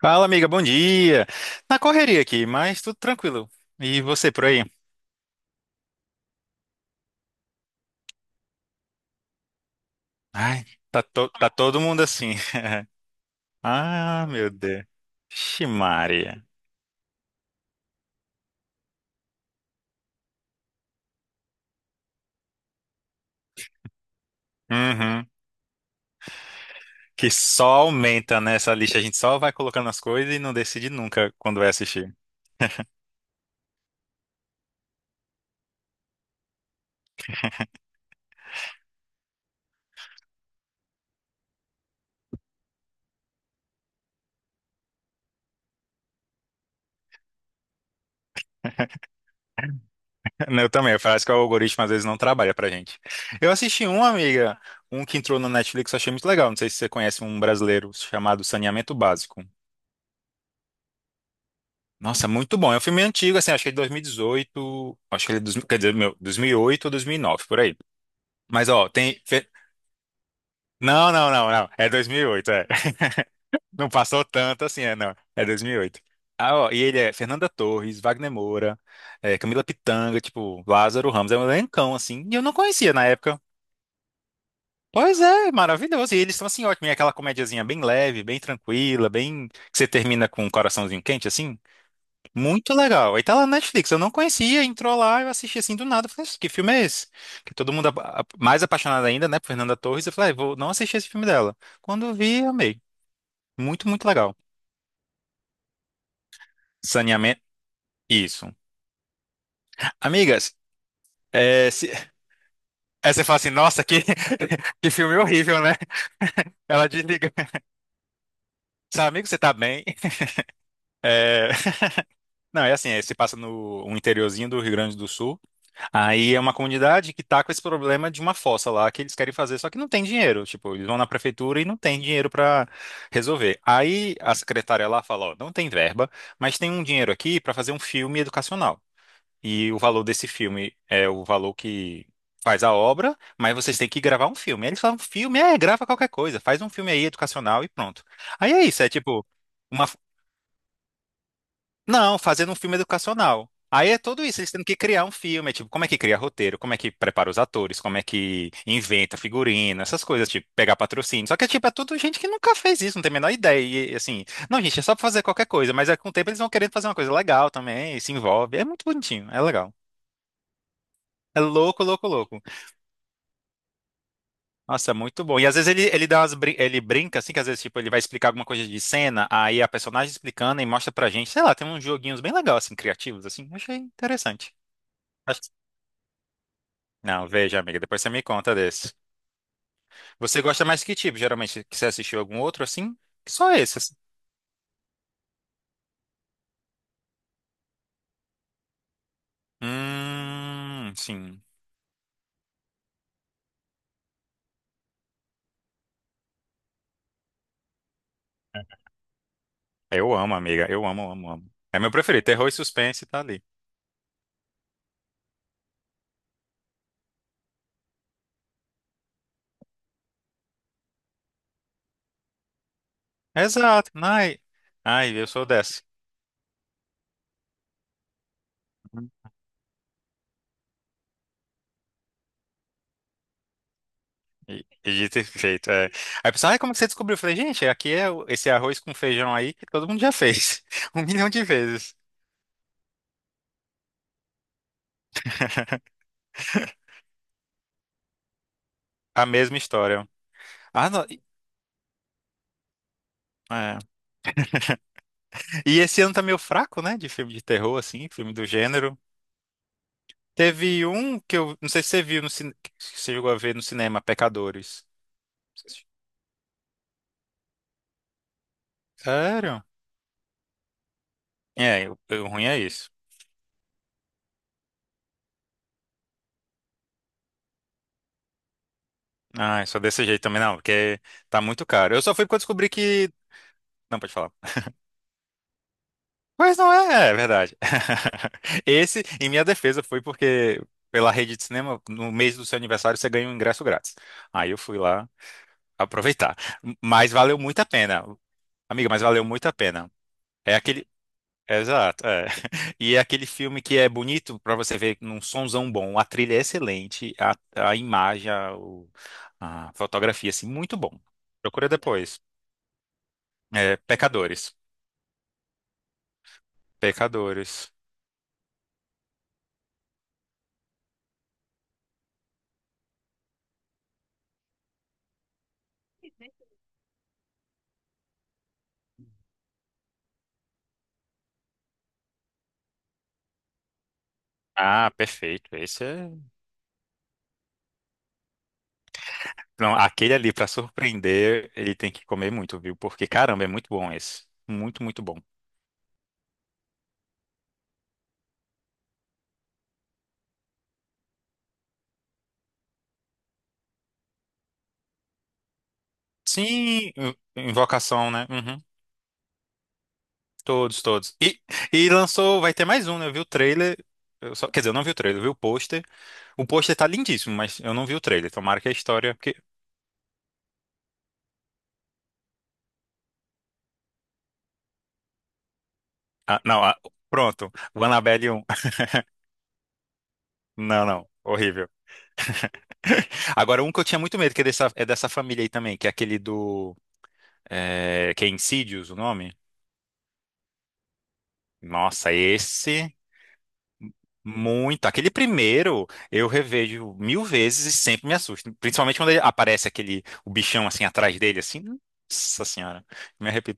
Fala, amiga, bom dia. Na correria aqui, mas tudo tranquilo. E você por aí? Ai, tá, tá todo mundo assim. Ah, meu Deus. Ximaria. Uhum. Que só aumenta nessa lista. A gente só vai colocando as coisas e não decide nunca quando vai assistir. Eu também. Parece que o algoritmo às vezes não trabalha pra gente. Eu assisti um, amiga, um que entrou no Netflix, eu achei muito legal. Não sei se você conhece um brasileiro chamado Saneamento Básico. Nossa, é muito bom. É um filme antigo, assim, acho que é de 2018, acho que ele é dos, quer dizer, meu, 2008 ou 2009 por aí. Mas, ó, tem. Não, não, não, não. É 2008, é. Não passou tanto assim, é, não. É 2008. Ah, ó, e ele é Fernanda Torres, Wagner Moura, é, Camila Pitanga, tipo, Lázaro Ramos. É um elencão, assim, e eu não conhecia na época. Pois é, maravilhoso. E eles estão, assim, ótimo. E é aquela comediazinha bem leve, bem tranquila, bem. Que você termina com um coraçãozinho quente, assim. Muito legal. Aí tá lá na Netflix. Eu não conhecia, entrou lá, eu assisti assim do nada. Falei, "Isso, que filme é esse? Que todo mundo mais apaixonado ainda, né, por Fernanda Torres. Eu falei, "Ah, vou não assistir esse filme dela. Quando eu vi, amei. Muito, muito legal. Saneamento. Isso. Amigas, é, se... aí você fala assim, nossa, que filme horrível, né? Ela desliga. Seu amigo, você tá bem? É, Não, é assim, é, se passa no um interiorzinho do Rio Grande do Sul. Aí é uma comunidade que tá com esse problema de uma fossa lá que eles querem fazer, só que não tem dinheiro. Tipo, eles vão na prefeitura e não tem dinheiro para resolver. Aí a secretária lá fala, ó, não tem verba, mas tem um dinheiro aqui para fazer um filme educacional. E o valor desse filme é o valor que faz a obra, mas vocês têm que gravar um filme. Aí eles falam, filme, é, grava qualquer coisa, faz um filme aí educacional e pronto. Aí é isso, é tipo uma não, fazendo um filme educacional. Aí é tudo isso, eles tendo que criar um filme, é tipo, como é que cria roteiro, como é que prepara os atores, como é que inventa figurino, essas coisas, tipo, pegar patrocínio. Só que, tipo, é tudo gente que nunca fez isso, não tem a menor ideia. E, assim, não, gente, é só pra fazer qualquer coisa, mas aí, com o tempo eles vão querendo fazer uma coisa legal também, e se envolve. É muito bonitinho, é legal. É louco, louco, louco. Nossa, é muito bom. E às vezes ele brinca, assim, que às vezes, tipo, ele vai explicar alguma coisa de cena, aí a personagem explicando e mostra pra gente, sei lá, tem uns joguinhos bem legais, assim, criativos, assim. Achei interessante. Não, veja, amiga, depois você me conta desse. Você gosta mais que tipo, geralmente? Que você assistiu algum outro assim? Só esse, assim. Sim. Eu amo, amiga. Eu amo, amo, amo. É meu preferido. Terror e suspense tá ali. Exato. Ai, ai, eu sou dessa. Uhum. E dito e feito. É. Aí a pessoa, ai, como que você descobriu? Eu falei, gente, aqui é esse arroz com feijão aí que todo mundo já fez. Um milhão de vezes. A mesma história. Ah, não. É. E esse ano tá meio fraco, né? De filme de terror, assim, filme do gênero. Teve um que eu não sei se você viu no cinema, que você chegou a ver no cinema, Pecadores. Sério? É, o ruim é isso. Ah, só desse jeito também não, porque tá muito caro. Eu só fui porque eu descobri que. Não, pode falar. Mas não é, é verdade. Esse, em minha defesa, foi porque pela rede de cinema, no mês do seu aniversário, você ganha um ingresso grátis. Aí eu fui lá aproveitar. Mas valeu muito a pena. Amiga, mas valeu muito a pena. É aquele. Exato, é. E é aquele filme que é bonito pra você ver num sonzão bom, a trilha é excelente, a imagem, a fotografia, assim, muito bom. Procura depois. É, Pecadores. Pecadores. Ah, perfeito. Esse é. Não, aquele ali pra surpreender, ele tem que comer muito, viu? Porque caramba, é muito bom esse. Muito, muito bom. Sim, Invocação, né? Uhum. Todos, todos. E lançou, vai ter mais um, né? Eu vi o trailer. Quer dizer, eu não vi o trailer, eu vi o pôster. O pôster tá lindíssimo, mas eu não vi o trailer. Tomara que a história. Porque. Ah, não, ah, pronto. O Annabelle um. Não, não. Horrível. Agora, um que eu tinha muito medo, que é dessa família aí também, que é aquele do. É, que é Insidious o nome? Nossa, esse. Muito. Aquele primeiro eu revejo mil vezes e sempre me assusta. Principalmente quando ele aparece aquele o bichão assim atrás dele, assim. Nossa senhora. Me arrepio.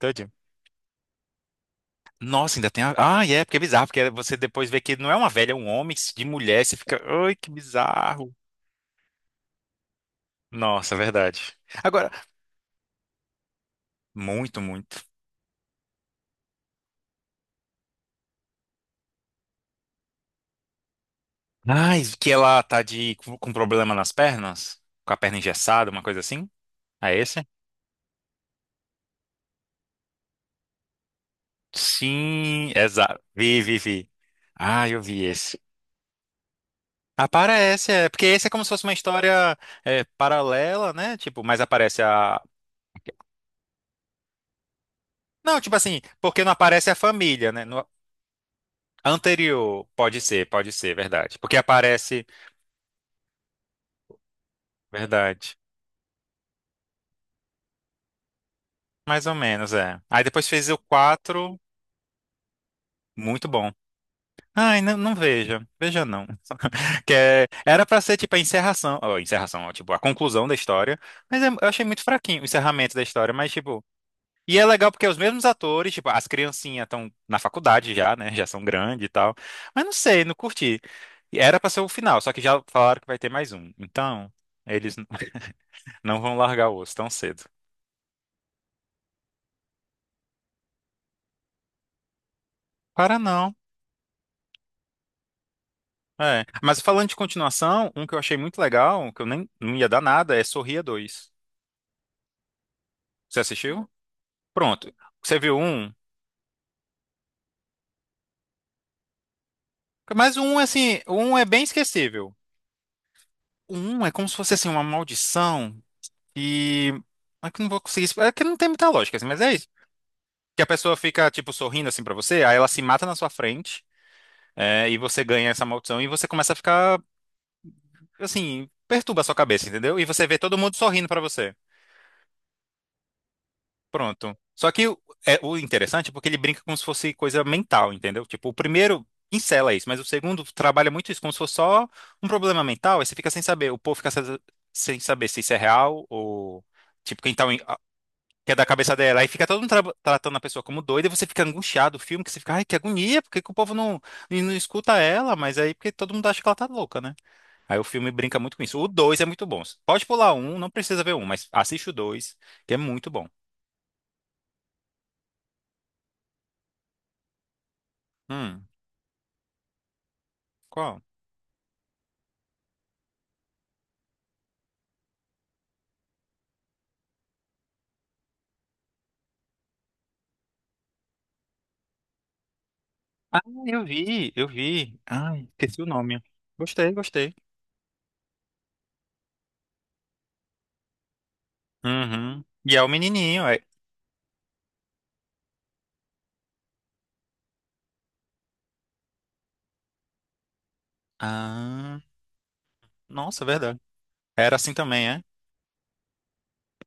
Nossa, ainda tem a. Ah, é, porque é bizarro, porque você depois vê que não é uma velha, é um homem de mulher, você fica, ai, que bizarro. Nossa, é verdade. Agora, muito, muito. Ai, que ela tá de com problema nas pernas, com a perna engessada, uma coisa assim? É esse? Sim, exato. Vi, vi, vi. Ah, eu vi esse. Aparece, é, porque esse é como se fosse uma história é, paralela, né? Tipo, mas aparece a. Não, tipo assim, porque não aparece a família, né? Anterior, pode ser, verdade. Porque aparece, verdade. Mais ou menos, é. Aí depois fez o 4, muito bom. Ai, não, não veja, veja não. Que era pra ser tipo a encerração, ó, tipo a conclusão da história, mas eu achei muito fraquinho o encerramento da história, mas tipo, e é legal porque os mesmos atores, tipo, as criancinhas estão na faculdade já, né, já são grandes e tal, mas não sei, não curti. E era pra ser o final, só que já falaram que vai ter mais um, então eles não vão largar o osso tão cedo. Para não. É. Mas falando de continuação, um que eu achei muito legal, que eu nem não ia dar nada, é Sorria dois. Você assistiu? Pronto. Você viu um? Mas um, assim, um é bem esquecível. Um é como se fosse, assim, uma maldição e... É que eu não vou conseguir explicar. É que não tem muita lógica, assim, mas é isso. Que a pessoa fica, tipo, sorrindo, assim, pra você, aí ela se mata na sua frente, é, e você ganha essa maldição e você começa a ficar, assim, perturba a sua cabeça, entendeu? E você vê todo mundo sorrindo pra você. Pronto. Só que é o interessante é porque ele brinca como se fosse coisa mental, entendeu? Tipo, o primeiro pincela isso, mas o segundo trabalha muito isso como se fosse só um problema mental, aí você fica sem saber, o povo fica sem saber se isso é real ou tipo quem tá que é da cabeça dela, aí fica todo mundo tratando a pessoa como doida, e você fica angustiado, o filme que você fica, ai, que agonia, porque que o povo não e não escuta ela, mas aí porque todo mundo acha que ela tá louca, né? Aí o filme brinca muito com isso. O dois é muito bom. Pode pular um, não precisa ver um, mas assiste o dois, que é muito bom. Hum, qual? Ah, eu vi, eu vi. Ai, esqueci o nome. Gostei, gostei. Uhum. E é o menininho, é. Ah, nossa, verdade. Era assim também, é?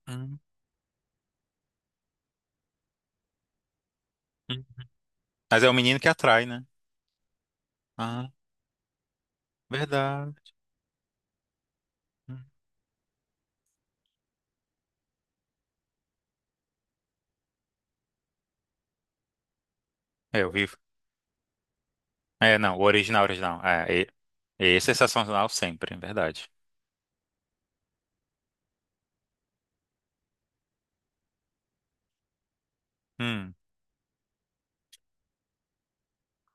Hum, hum. Mas é o menino que atrai, né? Ah, verdade. Hum. É, eu vi. É, não, o original, original. É, esse é sensacional sempre, é verdade. Hum.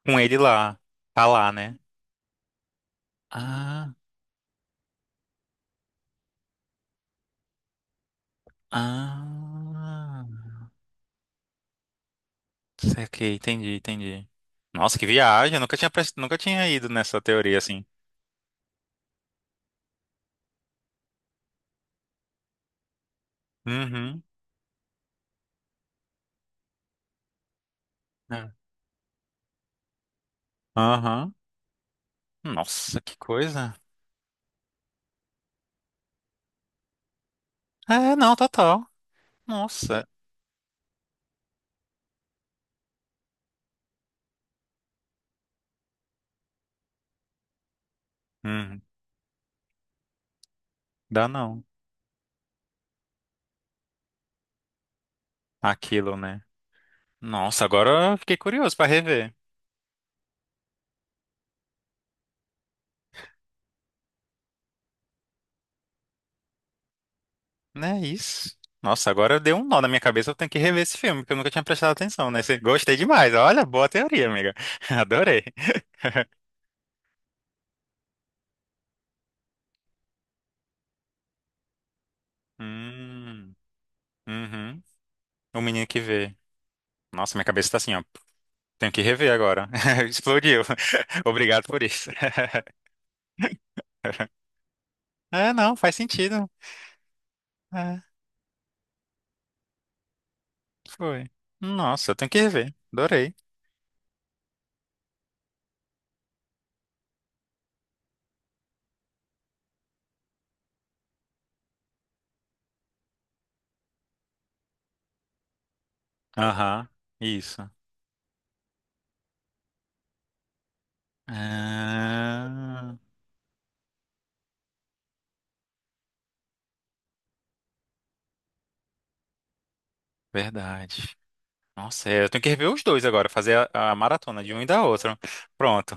Com ele lá. Tá lá, né? Ah, ah. Saquei, entendi, entendi. Nossa, que viagem. Eu nunca tinha ido nessa teoria assim. Uhum. É. Aham. Nossa, que coisa. É, não, total. Nossa. Hum, dá não. Aquilo, né? Nossa, agora eu fiquei curioso pra rever. Né, isso. Nossa, agora deu um nó na minha cabeça, eu tenho que rever esse filme, porque eu nunca tinha prestado atenção, né? Gostei demais. Olha, boa teoria, amiga. Adorei. Hum, uhum. O menino que vê. Nossa, minha cabeça tá assim, ó. Tenho que rever agora. Explodiu. Obrigado por isso. É, não, faz sentido. É. Foi. Nossa, eu tenho que rever. Adorei. Aham, isso. Ah, verdade. Nossa, é, eu tenho que rever os dois agora, fazer a maratona de um e da outra. Pronto,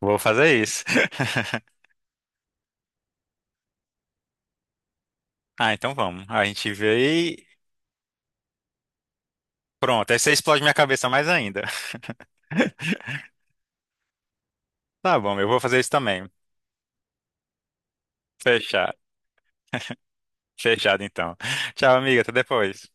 vou fazer isso. Ah, então vamos. A gente vê e. Pronto, aí você explode minha cabeça mais ainda. Tá bom, eu vou fazer isso também. Fechado. Fechado então. Tchau, amiga, até depois.